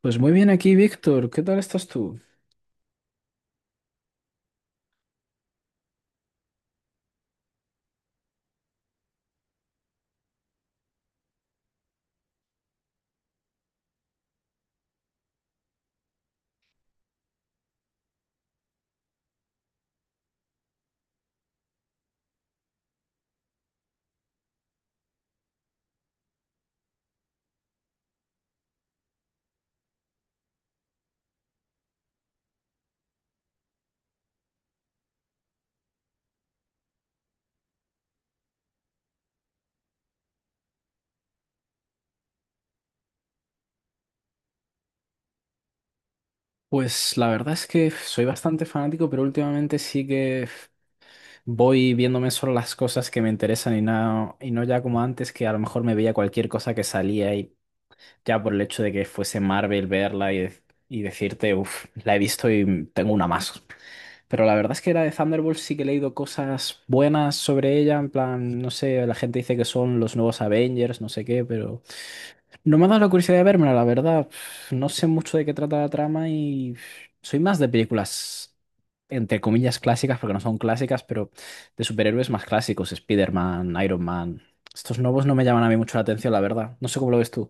Pues muy bien aquí, Víctor. ¿Qué tal estás tú? Pues la verdad es que soy bastante fanático, pero últimamente sí que voy viéndome solo las cosas que me interesan y no ya como antes, que a lo mejor me veía cualquier cosa que salía y ya por el hecho de que fuese Marvel verla y y decirte, la he visto y tengo una más. Pero la verdad es que era de Thunderbolts sí que he leído cosas buenas sobre ella, en plan, no sé, la gente dice que son los nuevos Avengers, no sé qué, pero... No me ha dado la curiosidad de verme, la verdad. No sé mucho de qué trata la trama y soy más de películas, entre comillas, clásicas, porque no son clásicas, pero de superhéroes más clásicos, Spider-Man, Iron Man. Estos nuevos no me llaman a mí mucho la atención, la verdad. No sé cómo lo ves tú.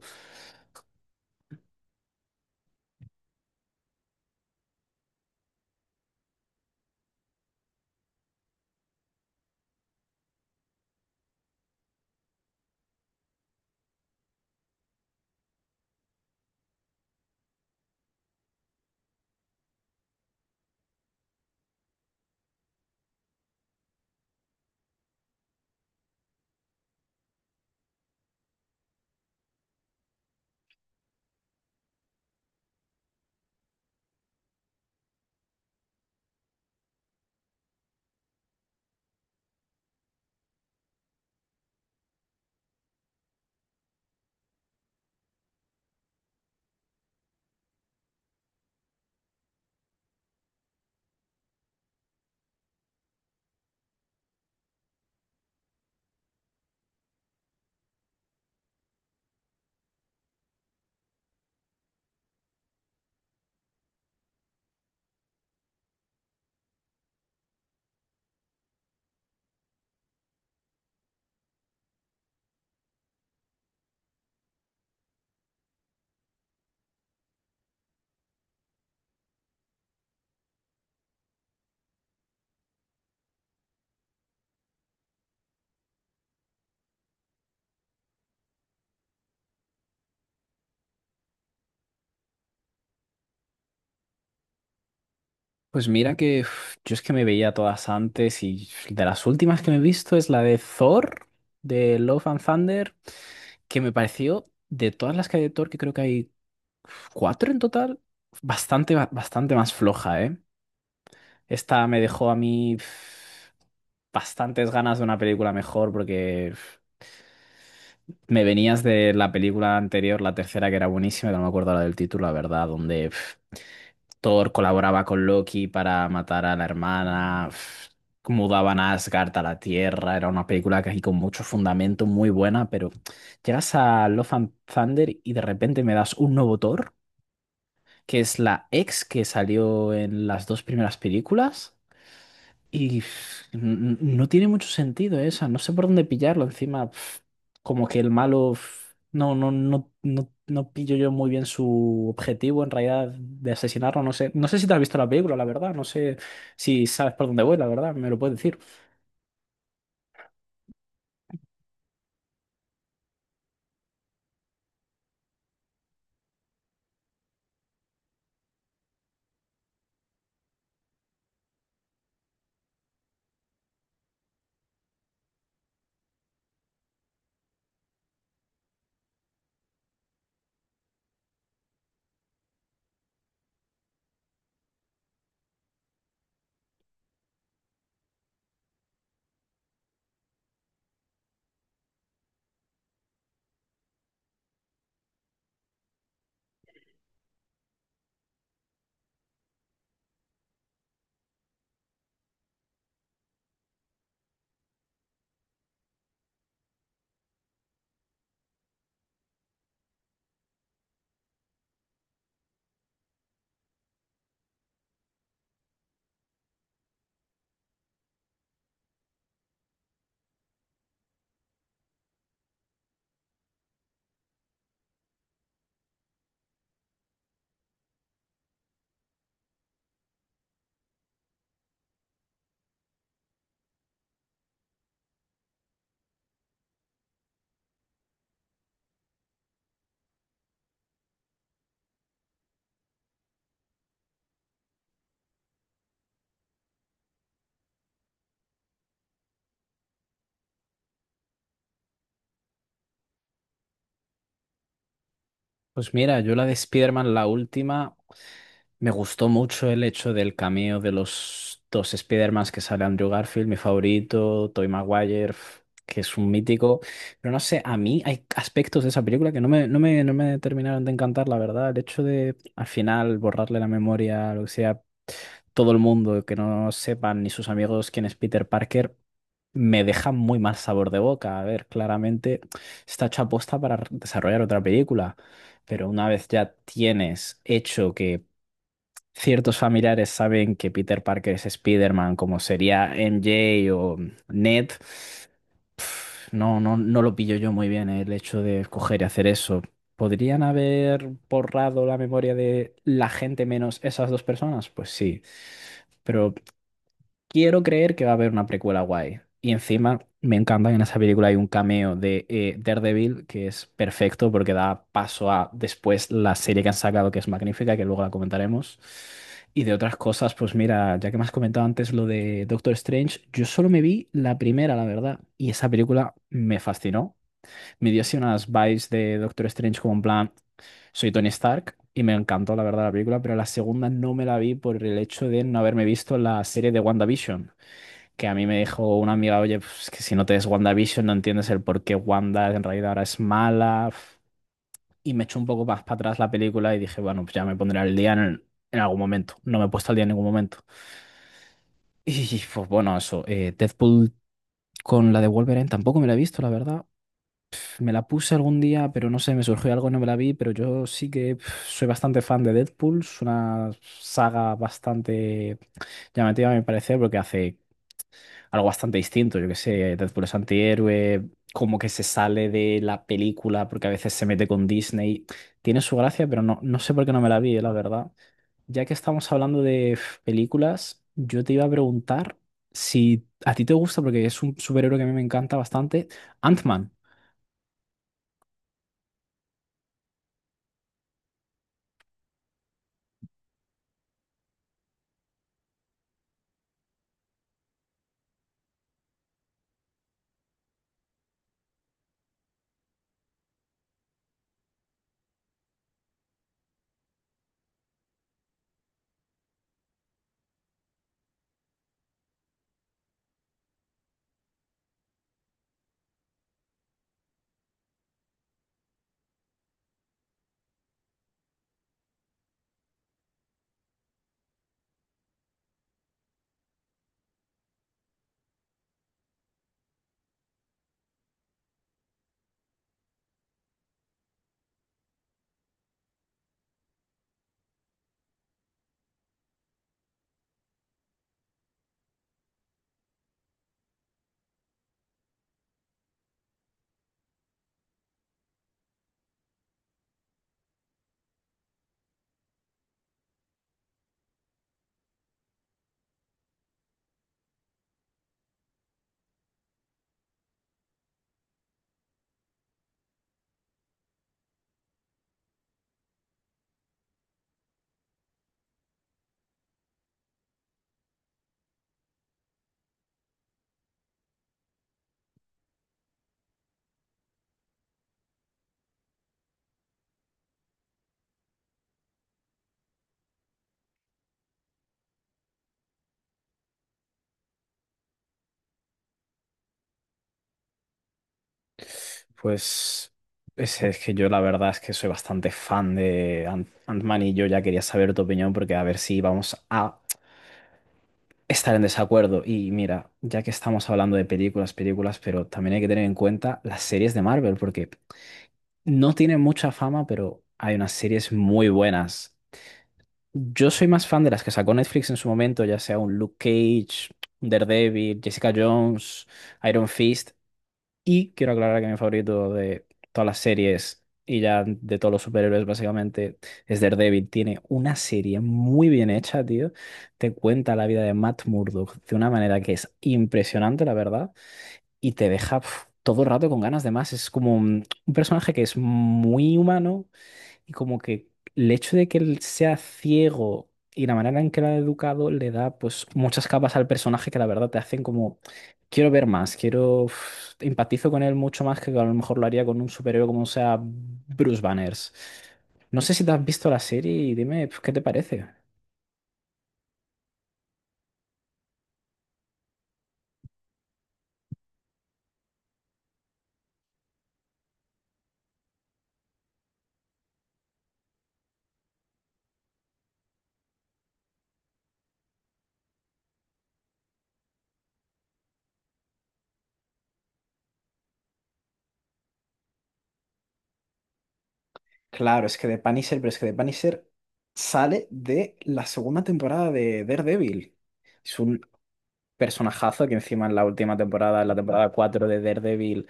Pues mira que yo es que me veía todas antes y de las últimas que me he visto es la de Thor, de Love and Thunder, que me pareció, de todas las que hay de Thor, que creo que hay 4 en total. Bastante bastante más floja, ¿eh? Esta me dejó a mí bastantes ganas de una película mejor porque me venías de la película anterior, la tercera que era buenísima, que no me acuerdo la del título, la verdad, donde Thor colaboraba con Loki para matar a la hermana, mudaban a Asgard a la Tierra, era una película que aquí con mucho fundamento, muy buena, pero llegas a Love and Thunder y de repente me das un nuevo Thor, que es la ex que salió en las dos primeras películas. Y pf, n- no tiene mucho sentido esa, no sé por dónde pillarlo. Encima, como que el malo, pf, no, no, no, no, no pillo yo muy bien su objetivo en realidad de asesinarlo. No sé, no sé si te has visto la película, la verdad. No sé si sabes por dónde voy, la verdad. Me lo puedes decir. Pues mira, yo la de Spider-Man, la última. Me gustó mucho el hecho del cameo de los dos Spider-Mans que sale Andrew Garfield, mi favorito, Tobey Maguire, que es un mítico. Pero no sé, a mí hay aspectos de esa película que no me terminaron de encantar, la verdad. El hecho de al final borrarle la memoria, lo que sea, todo el mundo, que no sepan ni sus amigos quién es Peter Parker, me deja muy mal sabor de boca. A ver, claramente está hecha aposta para desarrollar otra película. Pero una vez ya tienes hecho que ciertos familiares saben que Peter Parker es Spider-Man, como sería MJ o Ned, pf, no, no, no lo pillo yo muy bien el hecho de escoger y hacer eso. ¿Podrían haber borrado la memoria de la gente menos esas dos personas? Pues sí. Pero quiero creer que va a haber una precuela guay. Y encima me encanta que en esa película hay un cameo de Daredevil, que es perfecto porque da paso a después la serie que han sacado, que es magnífica, que luego la comentaremos. Y de otras cosas, pues mira, ya que me has comentado antes lo de Doctor Strange, yo solo me vi la primera, la verdad, y esa película me fascinó. Me dio así unas vibes de Doctor Strange como en plan, soy Tony Stark, y me encantó la verdad la película, pero la segunda no me la vi por el hecho de no haberme visto la serie de WandaVision, que a mí me dijo una amiga, oye, pues, que si no te ves WandaVision no entiendes el por qué Wanda en realidad ahora es mala. Pf. Y me echó un poco más para atrás la película y dije, bueno, pues ya me pondré al día en algún momento. No me he puesto al día en ningún momento. Y pues bueno, eso, Deadpool con la de Wolverine tampoco me la he visto, la verdad. Me la puse algún día, pero no sé, me surgió algo y no me la vi, pero yo sí que soy bastante fan de Deadpool. Es una saga bastante llamativa, a mi parecer, porque hace algo bastante distinto. Yo que sé, Deadpool es antihéroe, como que se sale de la película porque a veces se mete con Disney. Tiene su gracia, pero no, no sé por qué no me la vi, la verdad. Ya que estamos hablando de películas, yo te iba a preguntar si a ti te gusta, porque es un superhéroe que a mí me encanta bastante, Ant-Man. Pues es que yo la verdad es que soy bastante fan de Ant-Man, y yo ya quería saber tu opinión porque a ver si vamos a estar en desacuerdo. Y mira, ya que estamos hablando de películas, películas, pero también hay que tener en cuenta las series de Marvel, porque no tienen mucha fama, pero hay unas series muy buenas. Yo soy más fan de las que sacó Netflix en su momento, ya sea un Luke Cage, un Daredevil, Jessica Jones, Iron Fist. Y quiero aclarar que mi favorito de todas las series, y ya de todos los superhéroes básicamente, es Daredevil. Tiene una serie muy bien hecha, tío. Te cuenta la vida de Matt Murdock de una manera que es impresionante, la verdad. Y te deja todo el rato con ganas de más. Es como un personaje que es muy humano, y como que el hecho de que él sea ciego y la manera en que lo ha educado le da pues muchas capas al personaje que la verdad te hacen como quiero ver más, empatizo con él mucho más que a lo mejor lo haría con un superhéroe como sea Bruce Banners. No sé si te has visto la serie y dime pues, qué te parece. Claro, es que The Punisher, pero es que The Punisher sale de la segunda temporada de Daredevil. Es un personajazo que encima en la última temporada, en la temporada 4 de Daredevil,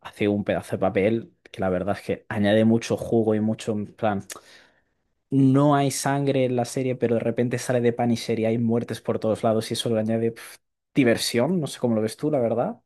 hace un pedazo de papel que la verdad es que añade mucho jugo y mucho, en plan, no hay sangre en la serie, pero de repente sale de Punisher y hay muertes por todos lados y eso le añade diversión, no sé cómo lo ves tú, la verdad.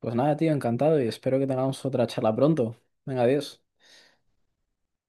Pues nada, tío, encantado y espero que tengamos otra charla pronto. Venga, adiós.